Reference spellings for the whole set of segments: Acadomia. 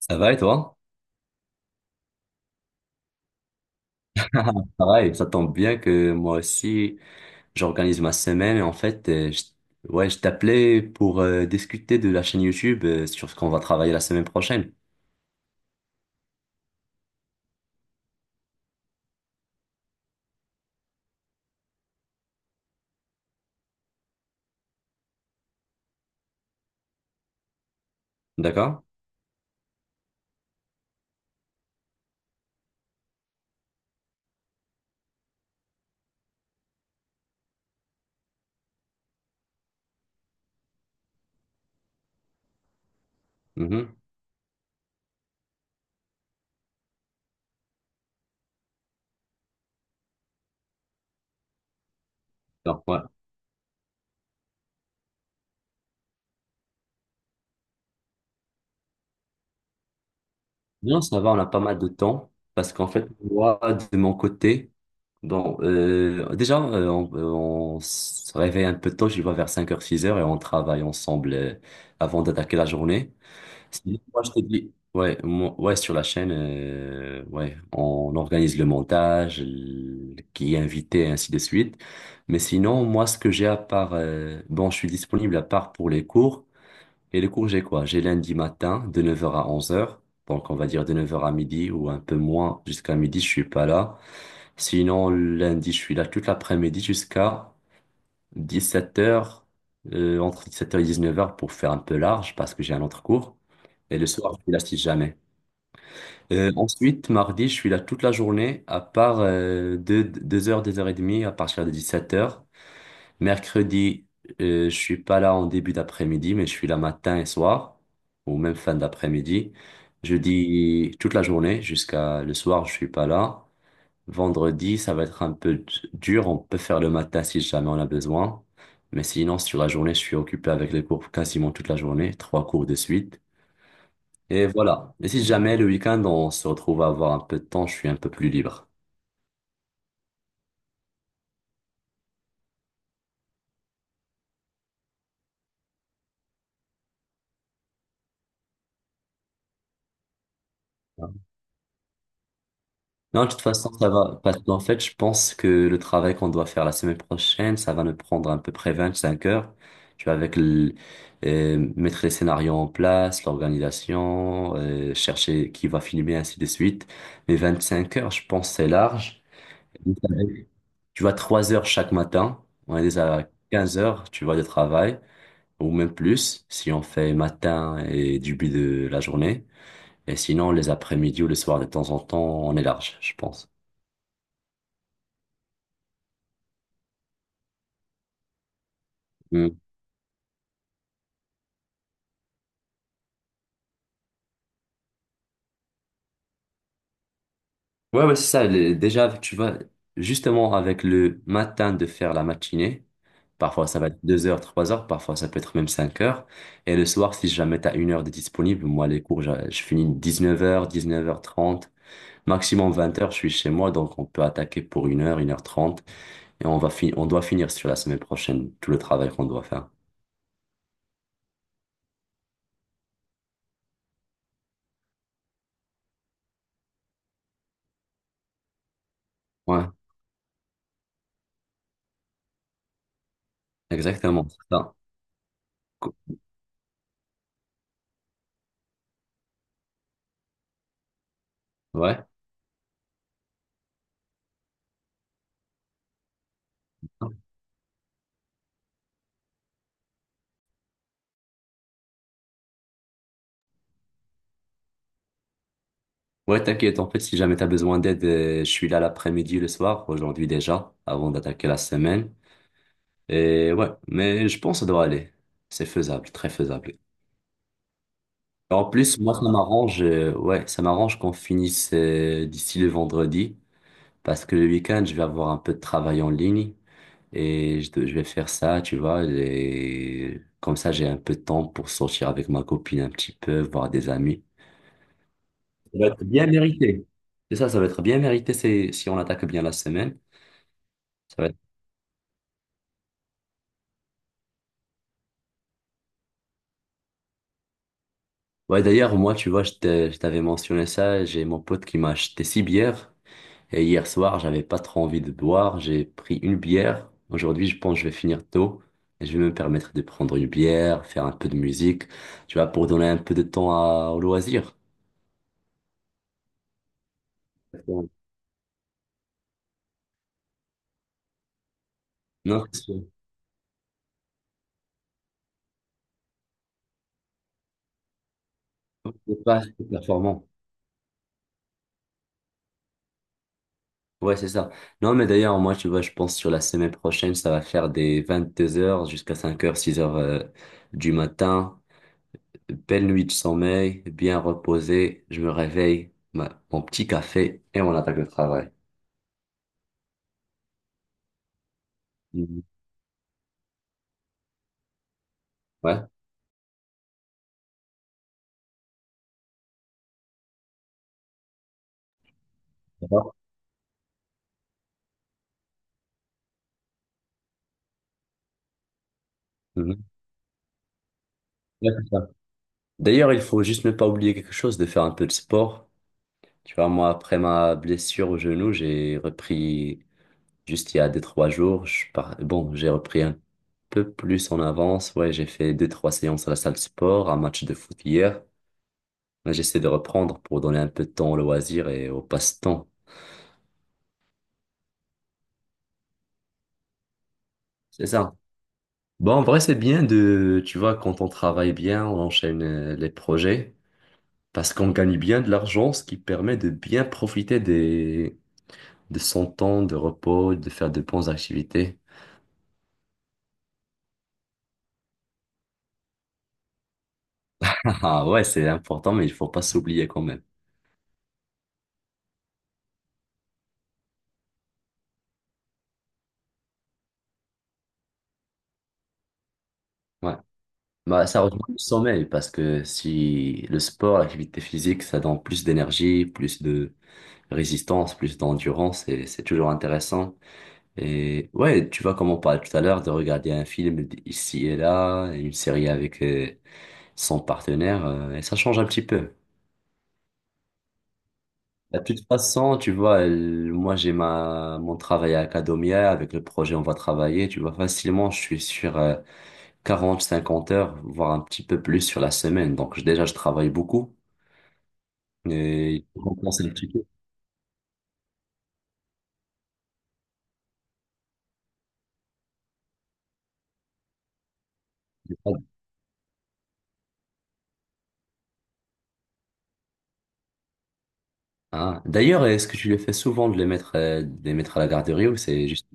Ça va et toi? Pareil, ça tombe bien que moi aussi, j'organise ma semaine et en fait, ouais, je t'appelais pour discuter de la chaîne YouTube sur ce qu'on va travailler la semaine prochaine. D'accord? Mhm. Donc, ouais. Non, ça va, on a pas mal de temps parce qu'en fait, moi, de mon côté, bon, déjà, on se réveille un peu tôt, je vois vers 5 heures, 6 heures, et on travaille ensemble avant d'attaquer la journée. Sinon, Moi, je t'ai ouais, ouais, sur la chaîne, ouais, on organise le montage, qui est invité, et ainsi de suite. Mais sinon, moi, ce que j'ai à part, bon, je suis disponible à part pour les cours. Et les cours, j'ai quoi? J'ai lundi matin, de 9 heures à 11 heures. Donc, on va dire de 9 heures à midi ou un peu moins, jusqu'à midi, je suis pas là. Sinon, lundi, je suis là toute l'après-midi jusqu'à 17 heures, entre 17 heures et 19 heures pour faire un peu large parce que j'ai un autre cours. Et le soir, je suis là si jamais. Ensuite, mardi, je suis là toute la journée, à part 2 heures et demie à partir de 17 heures. Mercredi, je suis pas là en début d'après-midi, mais je suis là matin et soir, ou même fin d'après-midi. Jeudi, toute la journée, jusqu'à le soir, je suis pas là. Vendredi, ça va être un peu dur. On peut faire le matin si jamais on a besoin. Mais sinon, sur la journée, je suis occupé avec les cours quasiment toute la journée, trois cours de suite. Et voilà. Et si jamais le week-end, on se retrouve à avoir un peu de temps, je suis un peu plus libre. Non, de toute façon, ça va. Parce qu'en fait, je pense que le travail qu'on doit faire la semaine prochaine, ça va nous prendre à peu près 25 heures. Tu vois, avec mettre les scénarios en place, l'organisation, chercher qui va filmer, ainsi de suite. Mais 25 heures, je pense, c'est large. Tu vois, 3 heures chaque matin. On est déjà à 15 heures, tu vois, de travail. Ou même plus, si on fait matin et début de la journée. Et sinon, les après-midi ou le soir, de temps en temps, on est large, je pense. Mm. Ouais, ouais, c'est ça. Déjà, tu vois, justement, avec le matin de faire la matinée, parfois ça va être 2 heures, 3 heures, parfois ça peut être même 5 heures. Et le soir, si jamais tu as 1 heure de disponible, moi, les cours, je finis 19 h, 19 h 30, maximum 20 h, je suis chez moi, donc on peut attaquer pour 1 heure, 1 h 30, et on doit finir sur la semaine prochaine tout le travail qu'on doit faire. Ouais, exactement. C'est ça. Ouais. Ouais, t'inquiète, en fait, si jamais t'as besoin d'aide, je suis là l'après-midi, le soir, aujourd'hui déjà, avant d'attaquer la semaine. Et ouais, mais je pense que ça doit aller. C'est faisable, très faisable. En plus, moi, ça m'arrange, ouais, ça m'arrange qu'on finisse d'ici le vendredi, parce que le week-end, je vais avoir un peu de travail en ligne, et je vais faire ça, tu vois, et comme ça, j'ai un peu de temps pour sortir avec ma copine un petit peu, voir des amis. Ça va être bien mérité. C'est ça, ça va être bien mérité c'est, si on attaque bien la semaine. Ça va être. Ouais, d'ailleurs, moi, tu vois, je t'avais mentionné ça. J'ai mon pote qui m'a acheté six bières. Et hier soir, j'avais pas trop envie de boire. J'ai pris une bière. Aujourd'hui, je pense que je vais finir tôt. Et je vais me permettre de prendre une bière, faire un peu de musique, tu vois, pour donner un peu de temps au loisir. Exactement. Non, c'est sûr. C'est pas assez performant. Ouais, c'est ça. Non, mais d'ailleurs, moi, tu vois, je pense sur la semaine prochaine, ça va faire des 22 heures jusqu'à 5 heures six heures du matin. Belle nuit de sommeil, bien reposé. Je me réveille, mon petit café et on attaque le travail. Mhm. Ouais, d'accord. Mhm. Ouais, c'est ça. D'ailleurs, il faut juste ne pas oublier quelque chose, de faire un peu de sport. Tu vois, moi, après ma blessure au genou, j'ai repris. Juste il y a deux, trois jours, bon, j'ai repris un peu plus en avance. Ouais, j'ai fait deux, trois séances à la salle de sport, un match de foot hier. Mais j'essaie de reprendre pour donner un peu de temps au loisir et au passe-temps. C'est ça. Bon, en vrai, c'est bien de, tu vois, quand on travaille bien, on enchaîne les projets parce qu'on gagne bien de l'argent, ce qui permet de bien profiter de son temps de repos, de faire de bonnes activités. Ah ouais, c'est important, mais il faut pas s'oublier quand même. Ouais. Bah, ça rejoint le sommeil parce que si le sport, l'activité physique, ça donne plus d'énergie, plus de résistance, plus d'endurance, et c'est toujours intéressant. Et ouais, tu vois, comme on parlait tout à l'heure, de regarder un film ici et là, une série avec son partenaire, et ça change un petit peu. De toute façon, tu vois, moi j'ai ma mon travail à Acadomia, avec le projet on va travailler, tu vois, facilement je suis sur 40 50 heures, voire un petit peu plus sur la semaine. Donc déjà je travaille beaucoup. Et il faut compenser un petit peu. Ah. D'ailleurs, est-ce que tu le fais souvent de les mettre, à la garderie ou c'est juste.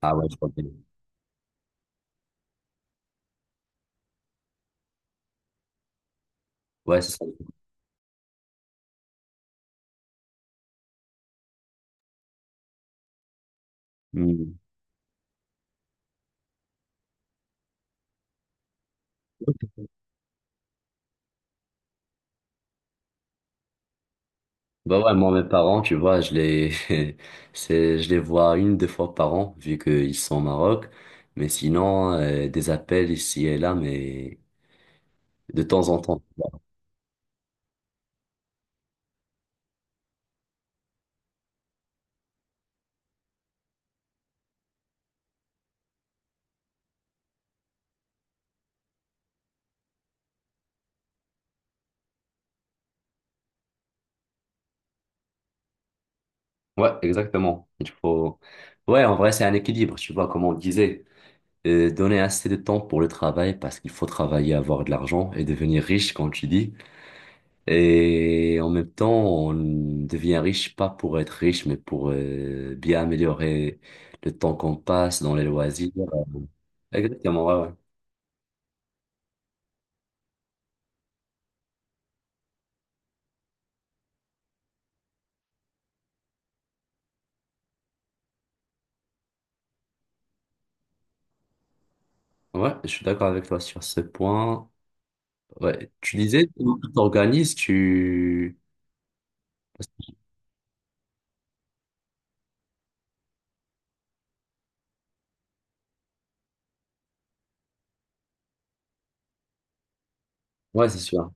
Ah ouais, je crois bien. Ouais, c'est ça. Hmm. Bah ouais, moi, mes parents, tu vois, je les vois une, deux fois par an, vu qu'ils sont au Maroc. Mais sinon, des appels ici et là, mais de temps en temps. Ouais, exactement. Il faut. Ouais, en vrai, c'est un équilibre, tu vois, comme on disait. Donner assez de temps pour le travail parce qu'il faut travailler, avoir de l'argent et devenir riche, quand tu dis. Et en même temps, on devient riche pas pour être riche, mais pour bien améliorer le temps qu'on passe dans les loisirs. Exactement, ouais, ouais. Ouais, je suis d'accord avec toi sur ce point. Ouais, tu disais, comment tu t'organises, tu. Ouais, c'est sûr.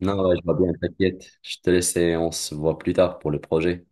Non, ouais, je vois bien, t'inquiète. Je te laisse et on se voit plus tard pour le projet.